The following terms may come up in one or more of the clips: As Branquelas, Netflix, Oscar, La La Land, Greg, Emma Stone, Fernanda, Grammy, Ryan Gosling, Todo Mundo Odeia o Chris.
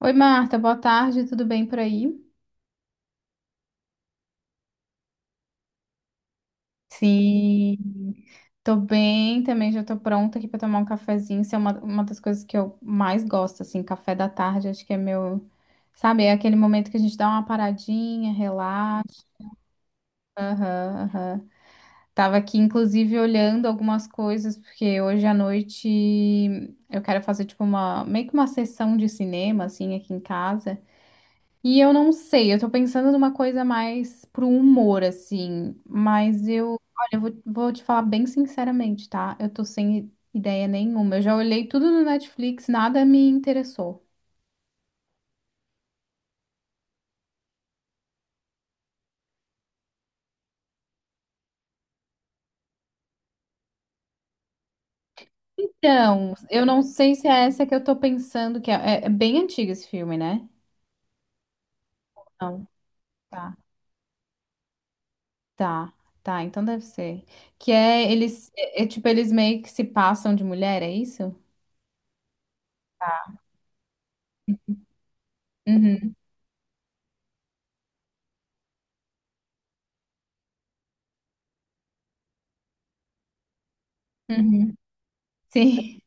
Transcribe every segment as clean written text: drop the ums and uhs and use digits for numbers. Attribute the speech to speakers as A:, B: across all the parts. A: Oi, Marta, boa tarde, tudo bem por aí? Sim, tô bem também, já tô pronta aqui pra tomar um cafezinho. Isso é uma das coisas que eu mais gosto, assim, café da tarde, acho que é meu, sabe, é aquele momento que a gente dá uma paradinha, relaxa. Aham, aham. Tava aqui, inclusive, olhando algumas coisas, porque hoje à noite eu quero fazer, tipo, uma, meio que uma sessão de cinema, assim, aqui em casa. E eu não sei, eu tô pensando numa coisa mais pro humor, assim, mas eu, olha, eu vou te falar bem sinceramente, tá? Eu tô sem ideia nenhuma. Eu já olhei tudo no Netflix, nada me interessou. Então, eu não sei se é essa que eu tô pensando, que é, é bem antigo esse filme, né? Não, tá, tá, tá, então deve ser. Que é eles, é, é tipo, eles meio que se passam de mulher, é isso? Uhum, uhum. Sim.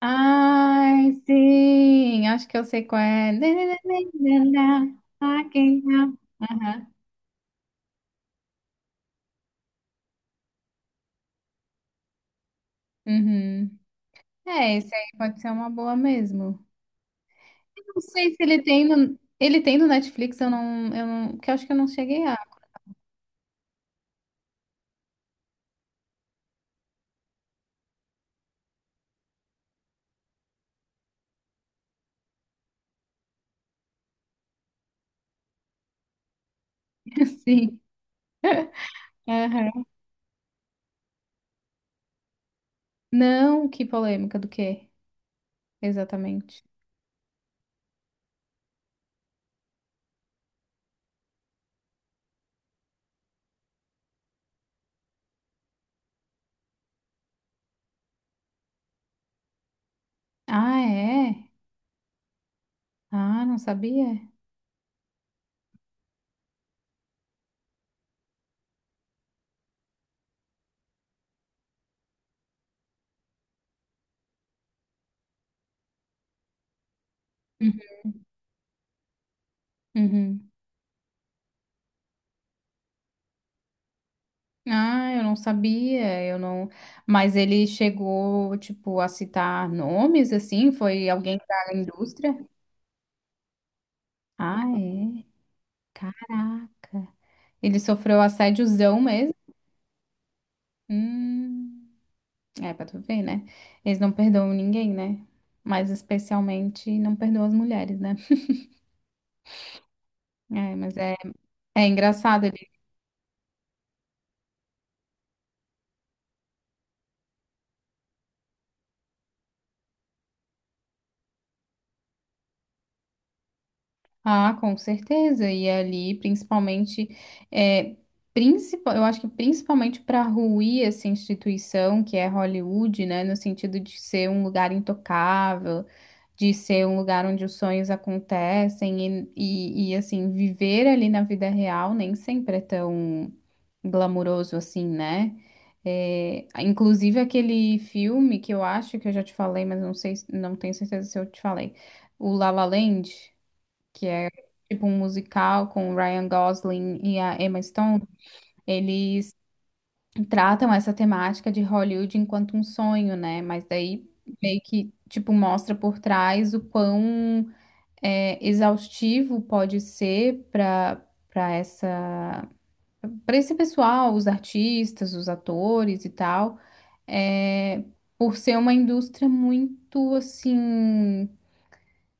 A: Ai, sim, acho que eu sei qual é. Aham, uhum. É, esse aí pode ser uma boa mesmo. Eu não sei se ele tem no, ele tem no Netflix, eu não, que eu acho que eu não cheguei a. Sim. Aham. Não, que polêmica do quê? Exatamente. Ah, é? Ah, não sabia. Uhum. Uhum. Ah, eu não sabia, eu não. Mas ele chegou, tipo, a citar nomes, assim? Foi alguém da indústria? Ah, é. Caraca. Ele sofreu assédiozão mesmo? Hum, é pra tu ver, né? Eles não perdoam ninguém, né? Mas especialmente não perdoam as mulheres, né? É, mas é, é engraçado. Ah, com certeza. E ali, principalmente, é, principal, eu acho que principalmente para ruir essa instituição que é Hollywood, né, no sentido de ser um lugar intocável, de ser um lugar onde os sonhos acontecem e assim, viver ali na vida real nem sempre é tão glamuroso assim, né? É, inclusive aquele filme que eu acho que eu já te falei, mas não sei, não tenho certeza se eu te falei, o La La Land que é tipo um musical com o Ryan Gosling e a Emma Stone, eles tratam essa temática de Hollywood enquanto um sonho, né? Mas daí meio que tipo mostra por trás o quão é, exaustivo pode ser para essa para esse pessoal, os artistas, os atores e tal, é, por ser uma indústria muito assim,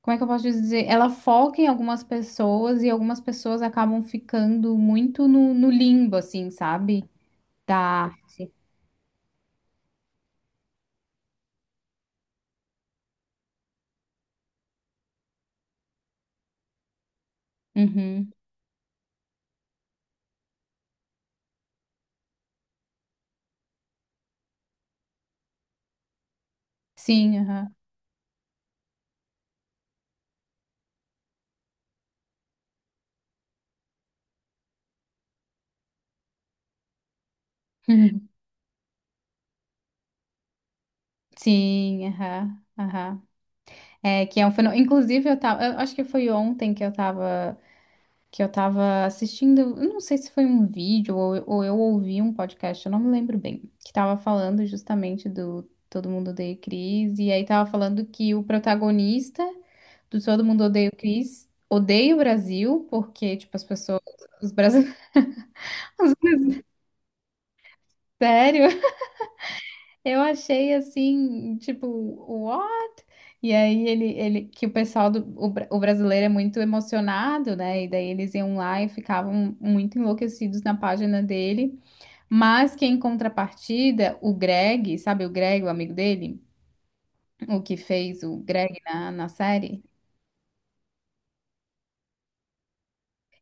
A: como é que eu posso dizer? Ela foca em algumas pessoas e algumas pessoas acabam ficando muito no limbo, assim, sabe? Da arte. Uhum. Sim, aham. Uhum. Sim, aham, aham. É, que é um fenômeno. Inclusive, eu tava. Eu acho que foi ontem que eu tava. Que eu tava assistindo, eu não sei se foi um vídeo ou eu ouvi um podcast, eu não me lembro bem, que tava falando justamente do Todo Mundo Odeia o Chris, e aí tava falando que o protagonista do Todo Mundo Odeia o Chris odeia o Brasil, porque, tipo, as pessoas, os brasileiros, sério. Eu achei assim, tipo, what? E aí ele que o pessoal do o, o brasileiro é muito emocionado, né? E daí eles iam lá e ficavam muito enlouquecidos na página dele. Mas que em contrapartida, o Greg, sabe o Greg, o amigo dele, o que fez o Greg na série?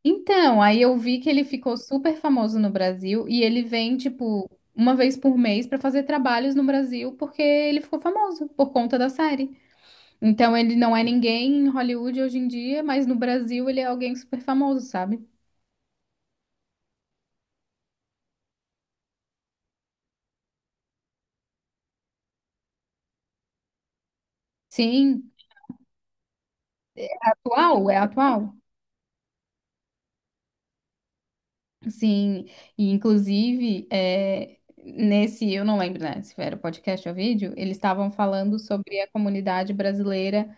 A: Então, aí eu vi que ele ficou super famoso no Brasil e ele vem, tipo, uma vez por mês pra fazer trabalhos no Brasil porque ele ficou famoso por conta da série. Então ele não é ninguém em Hollywood hoje em dia, mas no Brasil ele é alguém super famoso, sabe? Sim, atual, é atual. Sim, e inclusive é, nesse, eu não lembro, né, se era podcast ou vídeo, eles estavam falando sobre a comunidade brasileira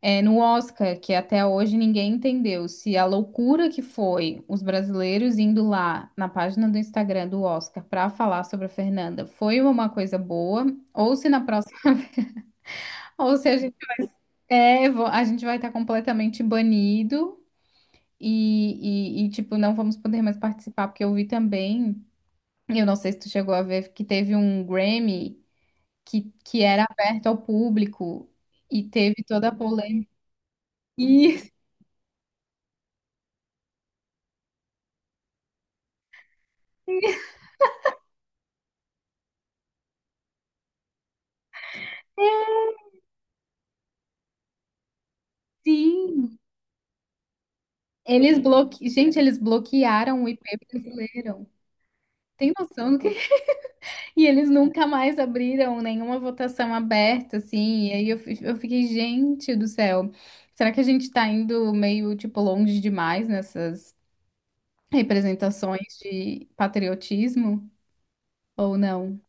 A: é, no Oscar, que até hoje ninguém entendeu se a loucura que foi os brasileiros indo lá na página do Instagram do Oscar para falar sobre a Fernanda foi uma coisa boa, ou se na próxima ou se a gente... É, a gente vai estar completamente banido e, tipo, não vamos poder mais participar, porque eu vi também, eu não sei se tu chegou a ver, que teve um Grammy que era aberto ao público e teve toda a polêmica. E, sim, eles bloque... Gente, eles bloquearam o IP brasileiro. Tem noção do... E eles nunca mais abriram nenhuma votação aberta, assim. E aí eu, eu fiquei, gente do céu, será que a gente tá indo meio, tipo, longe demais nessas representações de patriotismo ou não?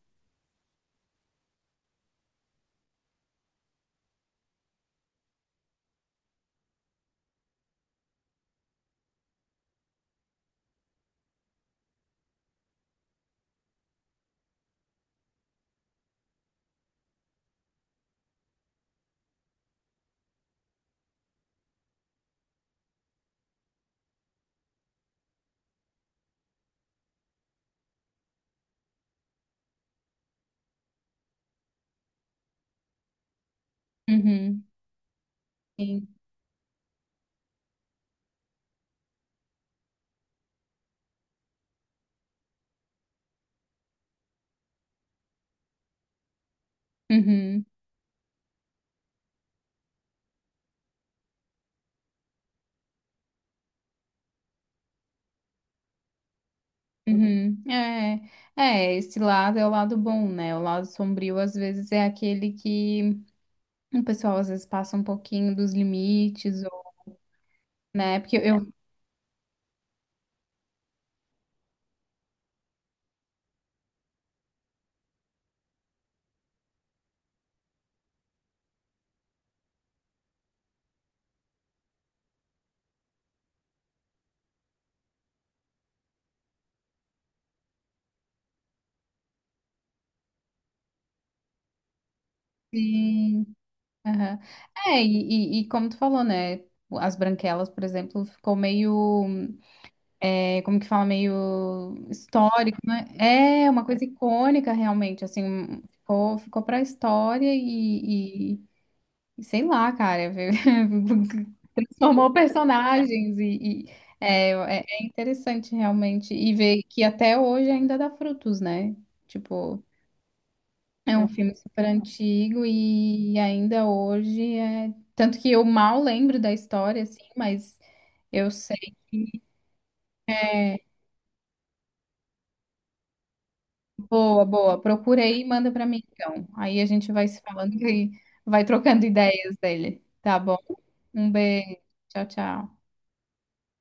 A: Uhum, sim. Uhum, uhum. É, é, esse lado é o lado bom, né? O lado sombrio, às vezes, é aquele que o pessoal, às vezes, passa um pouquinho dos limites, ou, né? Porque eu... Aham. É, e, e como tu falou, né? As branquelas, por exemplo, ficou meio, é, como que fala, meio histórico, né? É uma coisa icônica, realmente, assim, um, ficou, ficou pra história e sei lá, cara, transformou personagens e é, é é interessante, realmente, e ver que até hoje ainda dá frutos, né? Tipo. É um filme super antigo e ainda hoje é. Tanto que eu mal lembro da história, assim, mas eu sei que é boa, boa. Procura aí e manda pra mim, então. Aí a gente vai se falando e vai trocando ideias dele. Tá bom? Um beijo. Tchau, tchau.